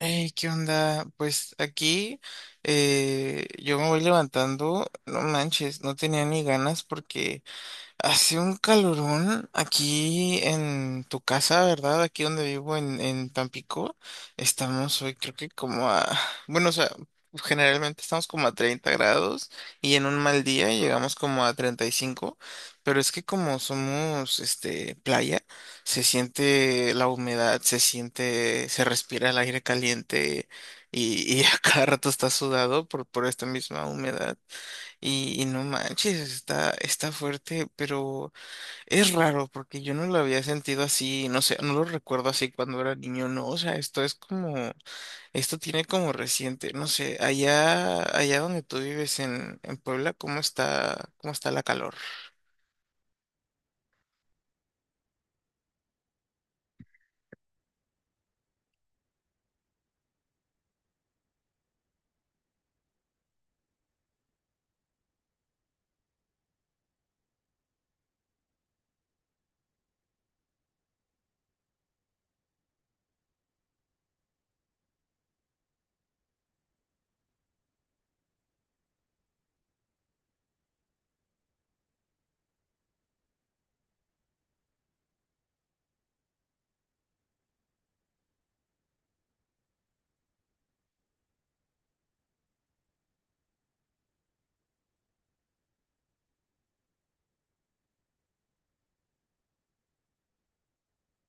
Hey, ¿qué onda? Pues aquí yo me voy levantando, no manches, no tenía ni ganas porque hace un calorón aquí en tu casa, ¿verdad? Aquí donde vivo en Tampico. Estamos hoy creo que como a... Bueno, o sea, generalmente estamos como a 30 grados y en un mal día llegamos como a 35. Pero es que como somos, este, playa, se siente la humedad, se siente, se respira el aire caliente y a cada rato está sudado por esta misma humedad. Y no manches, está fuerte, pero es raro porque yo no lo había sentido así, no sé, no lo recuerdo así cuando era niño, no, o sea, esto es como, esto tiene como reciente, no sé, allá donde tú vives en Puebla, cómo está la calor?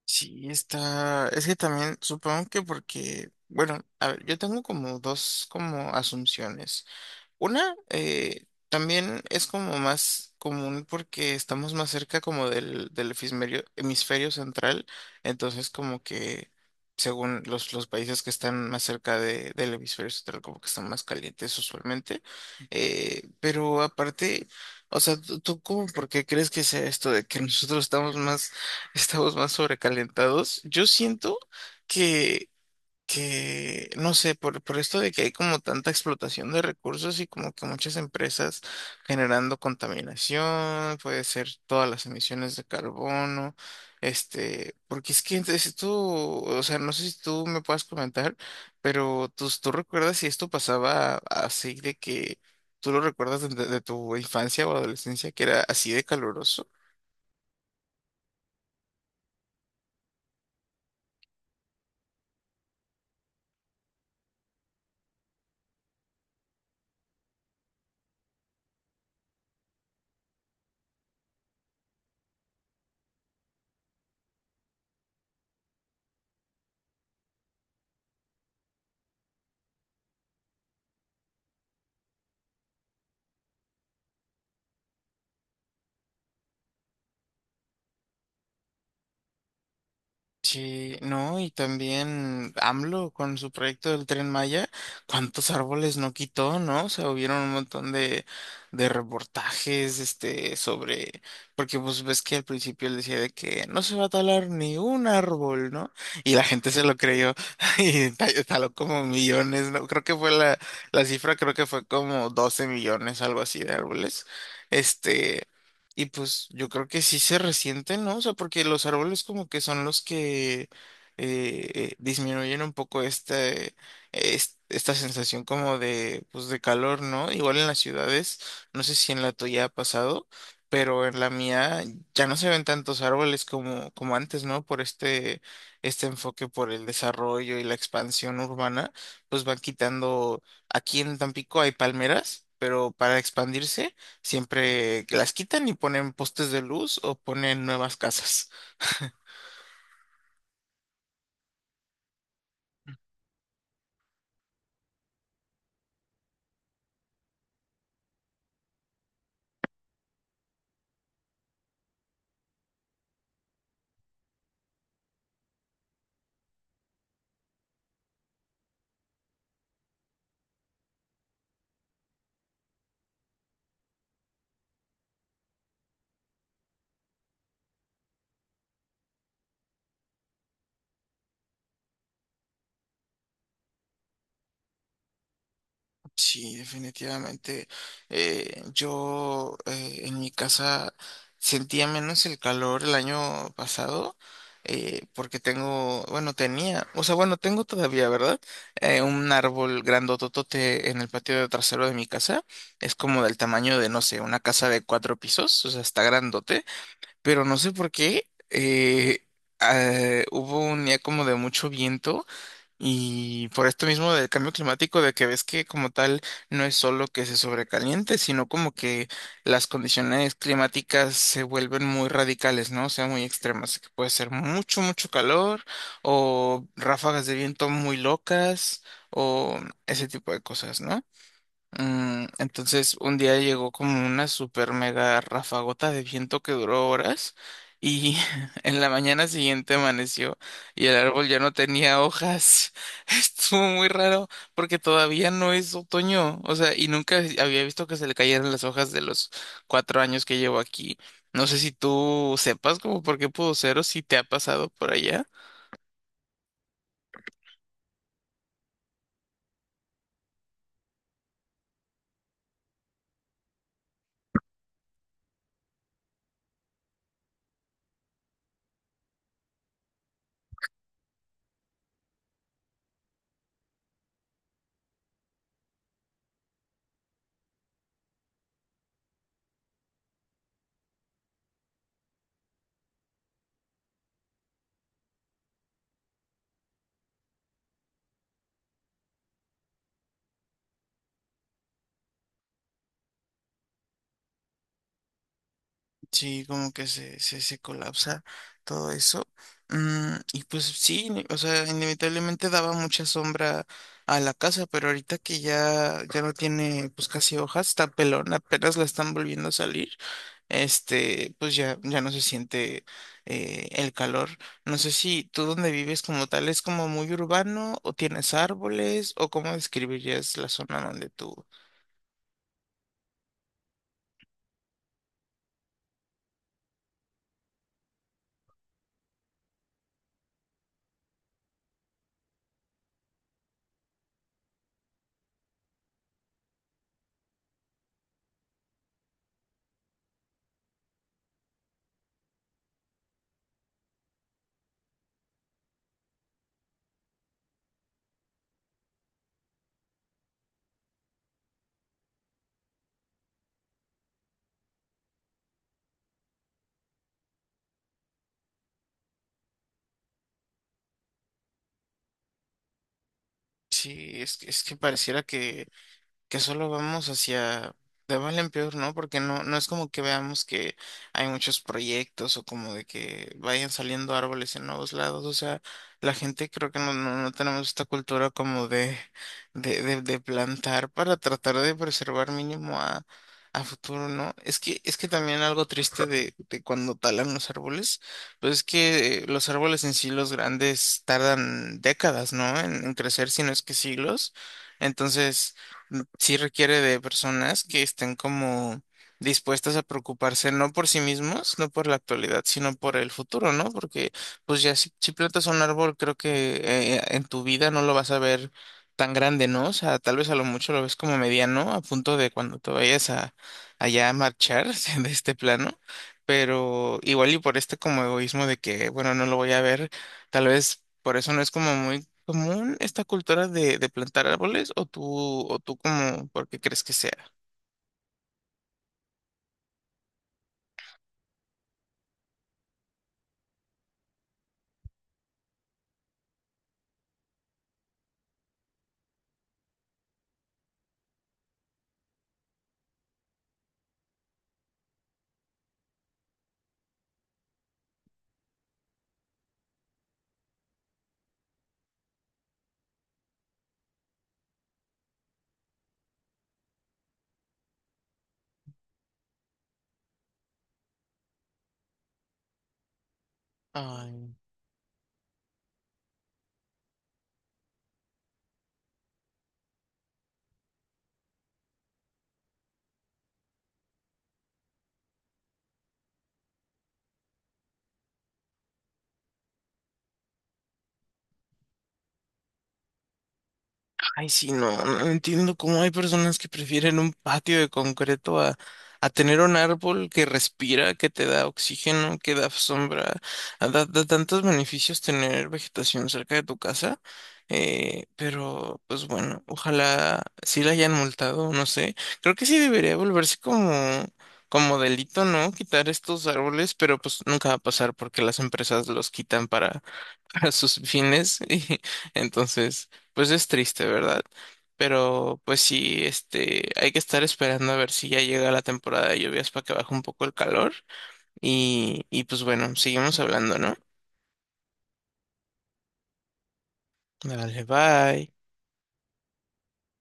Sí, está, es que también supongo que porque, bueno, a ver, yo tengo como dos como asunciones. Una también es como más común porque estamos más cerca como del hemisferio, hemisferio central, entonces como que según los países que están más cerca del hemisferio central como que están más calientes usualmente. Pero aparte, o sea, ¿tú cómo por qué crees que sea esto de que nosotros estamos más sobrecalentados? Yo siento... que que, no sé, por esto de que hay como tanta explotación de recursos y como que muchas empresas generando contaminación, puede ser todas las emisiones de carbono, este, porque es que entonces, si tú, o sea, no sé si tú me puedas comentar, pero tú recuerdas si esto pasaba así de que tú lo recuerdas de, de tu infancia o adolescencia, que era así de caluroso. Sí, no, y también AMLO con su proyecto del Tren Maya, cuántos árboles no quitó, ¿no? O sea, hubieron un montón de reportajes, este, sobre, porque pues ves que al principio él decía de que no se va a talar ni un árbol, ¿no? Y la gente se lo creyó y taló como millones, ¿no? Creo que fue la, la cifra, creo que fue como 12 millones, algo así de árboles. Este. Y pues yo creo que sí se resienten, ¿no? O sea, porque los árboles como que son los que disminuyen un poco este, esta sensación como de, pues de calor, ¿no? Igual en las ciudades, no sé si en la tuya ha pasado, pero en la mía ya no se ven tantos árboles como, como antes, ¿no? Por este, este enfoque por el desarrollo y la expansión urbana, pues van quitando, aquí en Tampico hay palmeras. Pero para expandirse siempre las quitan y ponen postes de luz o ponen nuevas casas. Sí, definitivamente. Yo En mi casa sentía menos el calor el año pasado porque tengo, bueno, tenía, o sea, bueno, tengo todavía, ¿verdad? Un árbol grandototote en el patio de trasero de mi casa. Es como del tamaño de, no sé, una casa de 4 pisos, o sea, está grandote. Pero no sé por qué. Hubo un día como de mucho viento y por esto mismo del cambio climático, de que ves que como tal no es solo que se sobrecaliente, sino como que las condiciones climáticas se vuelven muy radicales, ¿no? O sea, muy extremas, que puede ser mucho, mucho calor o ráfagas de viento muy locas o ese tipo de cosas, ¿no? Mm, entonces un día llegó como una super mega rafagota de viento que duró horas y en la mañana siguiente amaneció y el árbol ya no tenía hojas. Estuvo muy raro porque todavía no es otoño, o sea, y nunca había visto que se le cayeran las hojas de los 4 años que llevo aquí. No sé si tú sepas como por qué pudo ser o si te ha pasado por allá. Sí, como que se colapsa todo eso. Mm, y pues sí, ni- o sea, inevitablemente daba mucha sombra a la casa, pero ahorita que ya, ya no tiene pues casi hojas, está pelón, apenas la están volviendo a salir, este, pues ya, ya no se siente el calor. No sé si tú donde vives como tal es como muy urbano o tienes árboles o cómo describirías la zona donde tú... Sí, es, es que pareciera que solo vamos hacia de mal en peor, ¿no? Porque no, no es como que veamos que hay muchos proyectos o como de que vayan saliendo árboles en nuevos lados. O sea, la gente creo que no, no, no tenemos esta cultura como de plantar para tratar de preservar mínimo a futuro, ¿no? Es que también algo triste de cuando talan los árboles, pues es que los árboles en sí, los grandes, tardan décadas, ¿no? En crecer, si no es que siglos. Entonces, sí requiere de personas que estén como dispuestas a preocuparse no por sí mismos, no por la actualidad, sino por el futuro, ¿no? Porque pues ya si, si plantas un árbol, creo que en tu vida no lo vas a ver tan grande, ¿no? O sea, tal vez a lo mucho lo ves como mediano, a punto de cuando te vayas a allá a marchar de este plano. Pero igual y por este como egoísmo de que, bueno, no lo voy a ver, tal vez por eso no es como muy ¿común esta cultura de plantar árboles o tú como, porque crees que sea? Ay. Ay, sí, no, no entiendo cómo hay personas que prefieren un patio de concreto a tener un árbol que respira, que te da oxígeno, que da sombra, da, da tantos beneficios tener vegetación cerca de tu casa. Pero, pues bueno, ojalá sí la hayan multado, no sé. Creo que sí debería volverse como, como delito, ¿no? Quitar estos árboles, pero pues nunca va a pasar porque las empresas los quitan para, para sus fines. Y entonces. Pues es triste, ¿verdad? Pero pues sí, este, hay que estar esperando a ver si ya llega la temporada de lluvias para que baje un poco el calor. Y pues bueno, seguimos hablando, ¿no? Dale, bye.